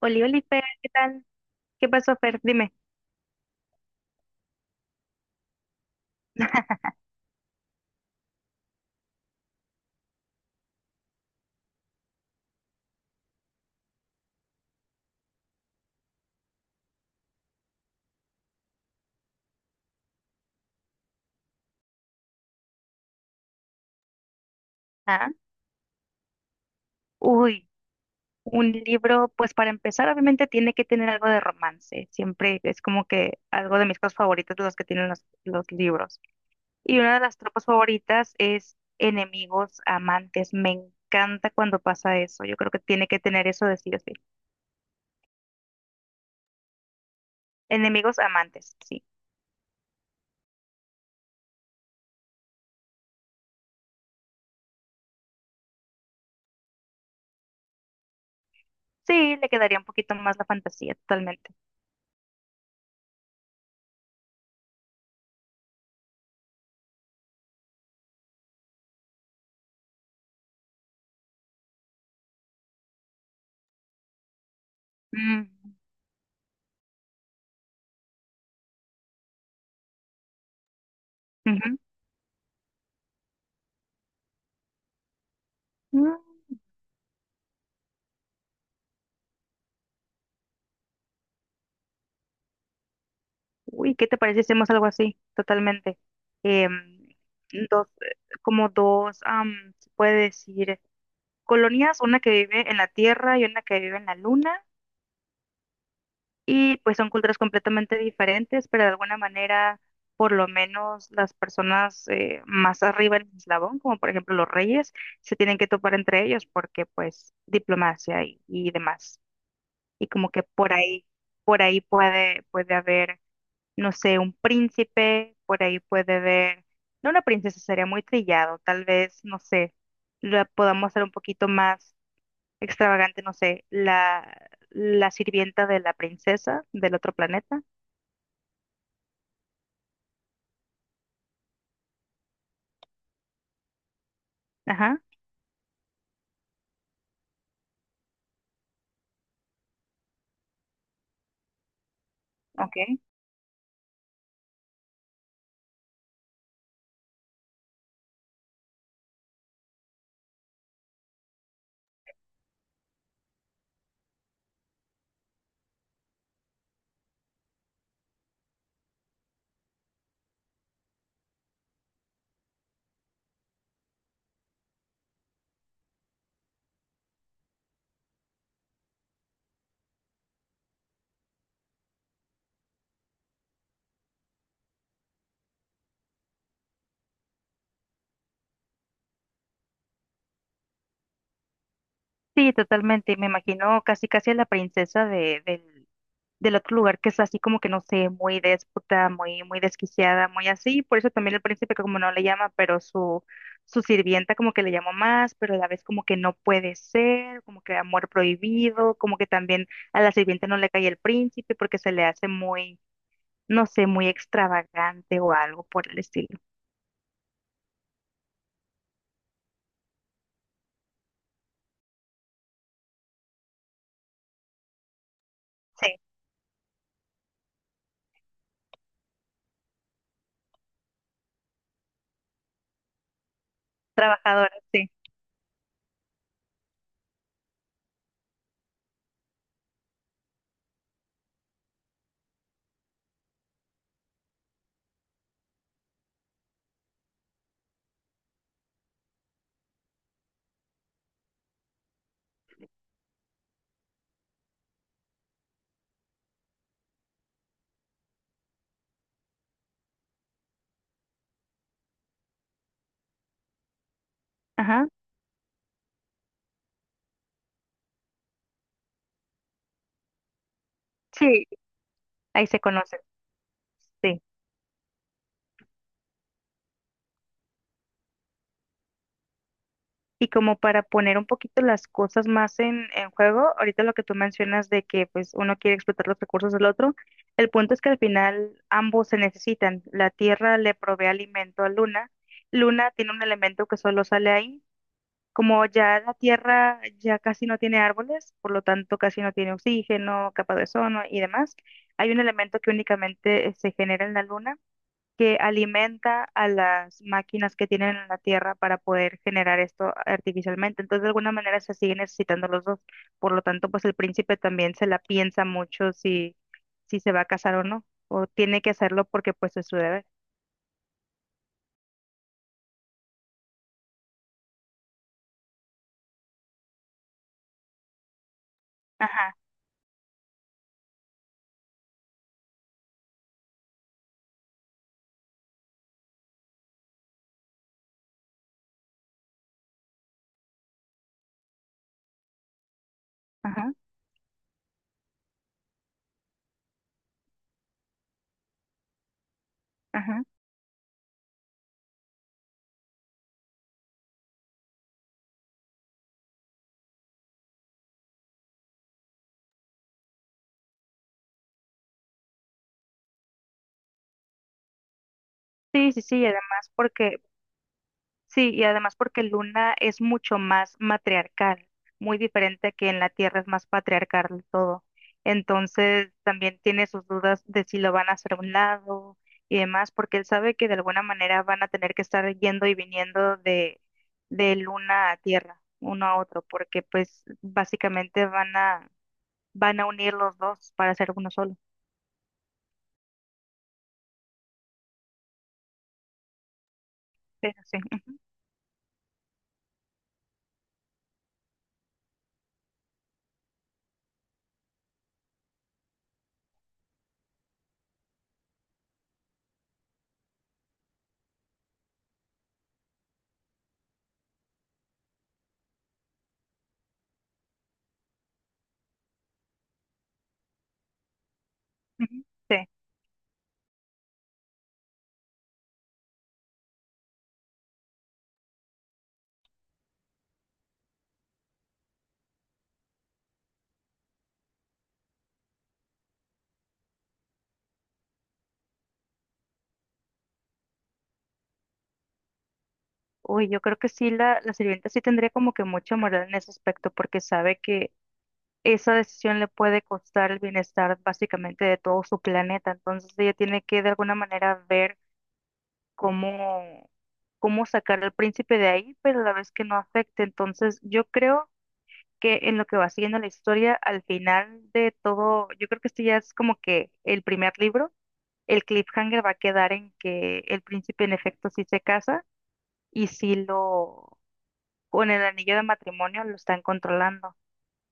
Oli, oli, Fer, ¿qué tal? ¿Qué pasó, Fer? Dime. Ajá. Uy, un libro, pues para empezar, obviamente tiene que tener algo de romance. Siempre es como que algo de mis cosas favoritas de los que tienen los libros. Y una de las tropas favoritas es enemigos amantes. Me encanta cuando pasa eso. Yo creo que tiene que tener eso de sí o sí. Enemigos amantes, sí. Sí, le quedaría un poquito más la fantasía, totalmente. Mm, ujú. Uy, ¿qué te parece si hacemos algo así? Totalmente. Em, dos, como dos, se puede decir, colonias, una que vive en la Tierra y una que vive en la Luna, y pues son culturas completamente diferentes, pero de alguna manera, por lo menos las personas más arriba en el eslabón, como por ejemplo los reyes, se tienen que topar entre ellos porque pues diplomacia y demás. Y como que por ahí puede haber no sé, un príncipe, por ahí puede ver, no una princesa, sería muy trillado, tal vez, no sé, la podamos hacer un poquito más extravagante, no sé, la sirvienta de la princesa del otro planeta, ajá, ok. Sí, totalmente, me imagino casi casi a la princesa de, del otro lugar que es así como que no sé, muy déspota, muy, muy desquiciada, muy así, por eso también el príncipe como no le llama, pero su sirvienta como que le llamó más, pero a la vez como que no puede ser, como que amor prohibido, como que también a la sirvienta no le cae el príncipe porque se le hace muy, no sé, muy extravagante o algo por el estilo. Sí, trabajadora, sí. Ajá, sí, ahí se conocen, sí. Y como para poner un poquito las cosas más en juego, ahorita lo que tú mencionas de que pues uno quiere explotar los recursos del otro, el punto es que al final ambos se necesitan. La Tierra le provee alimento a Luna. Luna tiene un elemento que solo sale ahí. Como ya la Tierra ya casi no tiene árboles, por lo tanto casi no tiene oxígeno, capa de ozono y demás, hay un elemento que únicamente se genera en la Luna que alimenta a las máquinas que tienen en la Tierra para poder generar esto artificialmente. Entonces, de alguna manera se sigue necesitando los dos. Por lo tanto, pues el príncipe también se la piensa mucho si, si se va a casar o no, o tiene que hacerlo porque pues es su deber. Ajá, ajá, ajá. Sí, sí, sí, y además porque sí, y además porque Luna es mucho más matriarcal, muy diferente que en la Tierra es más patriarcal todo. Entonces también tiene sus dudas de si lo van a hacer a un lado y demás, porque él sabe que de alguna manera van a tener que estar yendo y viniendo de Luna a Tierra, uno a otro, porque pues básicamente van a, van a unir los dos para hacer uno solo. Pero sí. ujú, ujú, sí. Uy, yo creo que sí, la sirvienta sí tendría como que mucha moral en ese aspecto, porque sabe que esa decisión le puede costar el bienestar básicamente de todo su planeta. Entonces ella tiene que de alguna manera ver cómo, cómo sacar al príncipe de ahí, pero a la vez que no afecte. Entonces yo creo que en lo que va siguiendo la historia, al final de todo, yo creo que este ya es como que el primer libro, el cliffhanger va a quedar en que el príncipe en efecto sí se casa y sí lo, con el anillo de matrimonio lo están controlando.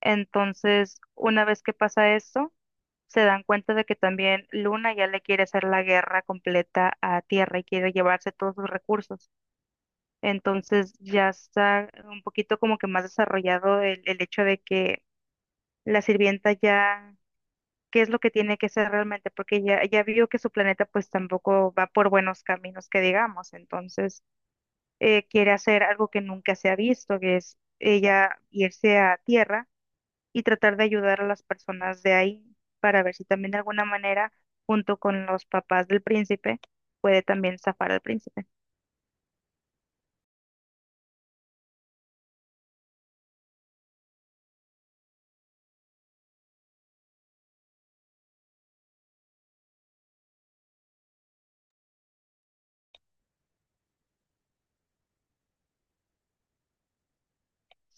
Entonces, una vez que pasa eso, se dan cuenta de que también Luna ya le quiere hacer la guerra completa a Tierra y quiere llevarse todos sus recursos. Entonces ya está un poquito como que más desarrollado el hecho de que la sirvienta ya, ¿qué es lo que tiene que hacer realmente? Porque ya vio que su planeta pues tampoco va por buenos caminos que digamos. Entonces quiere hacer algo que nunca se ha visto, que es ella irse a Tierra y tratar de ayudar a las personas de ahí para ver si también de alguna manera, junto con los papás del príncipe, puede también zafar al príncipe.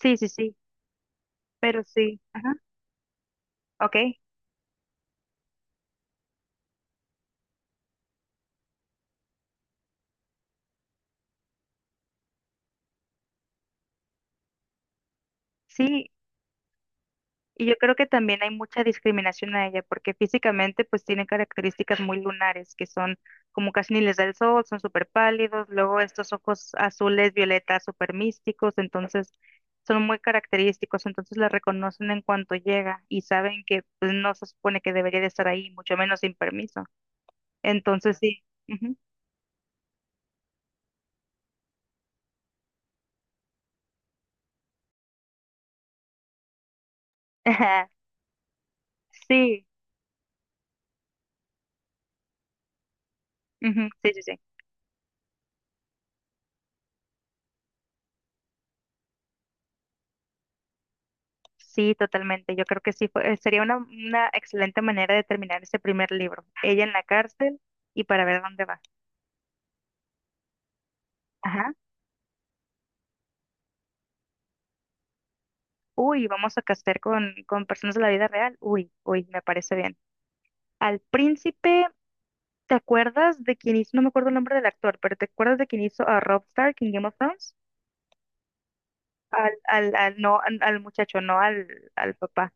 Sí, sí, sí, pero sí, ajá, ok, sí. Y yo creo que también hay mucha discriminación a ella, porque físicamente pues tiene características muy lunares, que son como casi ni les da el sol, son súper pálidos, luego estos ojos azules, violetas, súper místicos, entonces son muy característicos, entonces la reconocen en cuanto llega y saben que pues no se supone que debería de estar ahí, mucho menos sin permiso. Entonces sí. Ujú. Sí, ujú, sí, sí, sí. Sí, totalmente. Yo creo que sí sería una excelente manera de terminar ese primer libro. Ella en la cárcel y para ver dónde va. Ajá. Uy, vamos a castear con personas de la vida real. Uy, uy, me parece bien. Al príncipe, ¿te acuerdas de quién hizo? No me acuerdo el nombre del actor, pero ¿te acuerdas de quién hizo a Rob Stark en Game of Thrones? No, al muchacho, no al, al papá.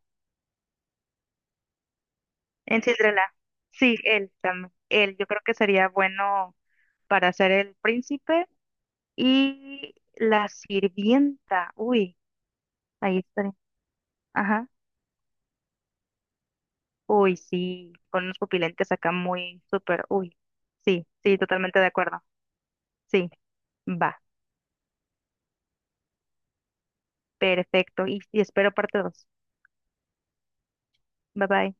En Cinderella. Sí, él también. Él, yo creo que sería bueno para ser el príncipe. Y la sirvienta, uy, ahí estaré. Ajá. Uy, sí, con unos pupilentes acá muy súper, uy. Sí, sí, totalmente de acuerdo. Sí, va, perfecto. Y espero parte dos. Bye bye.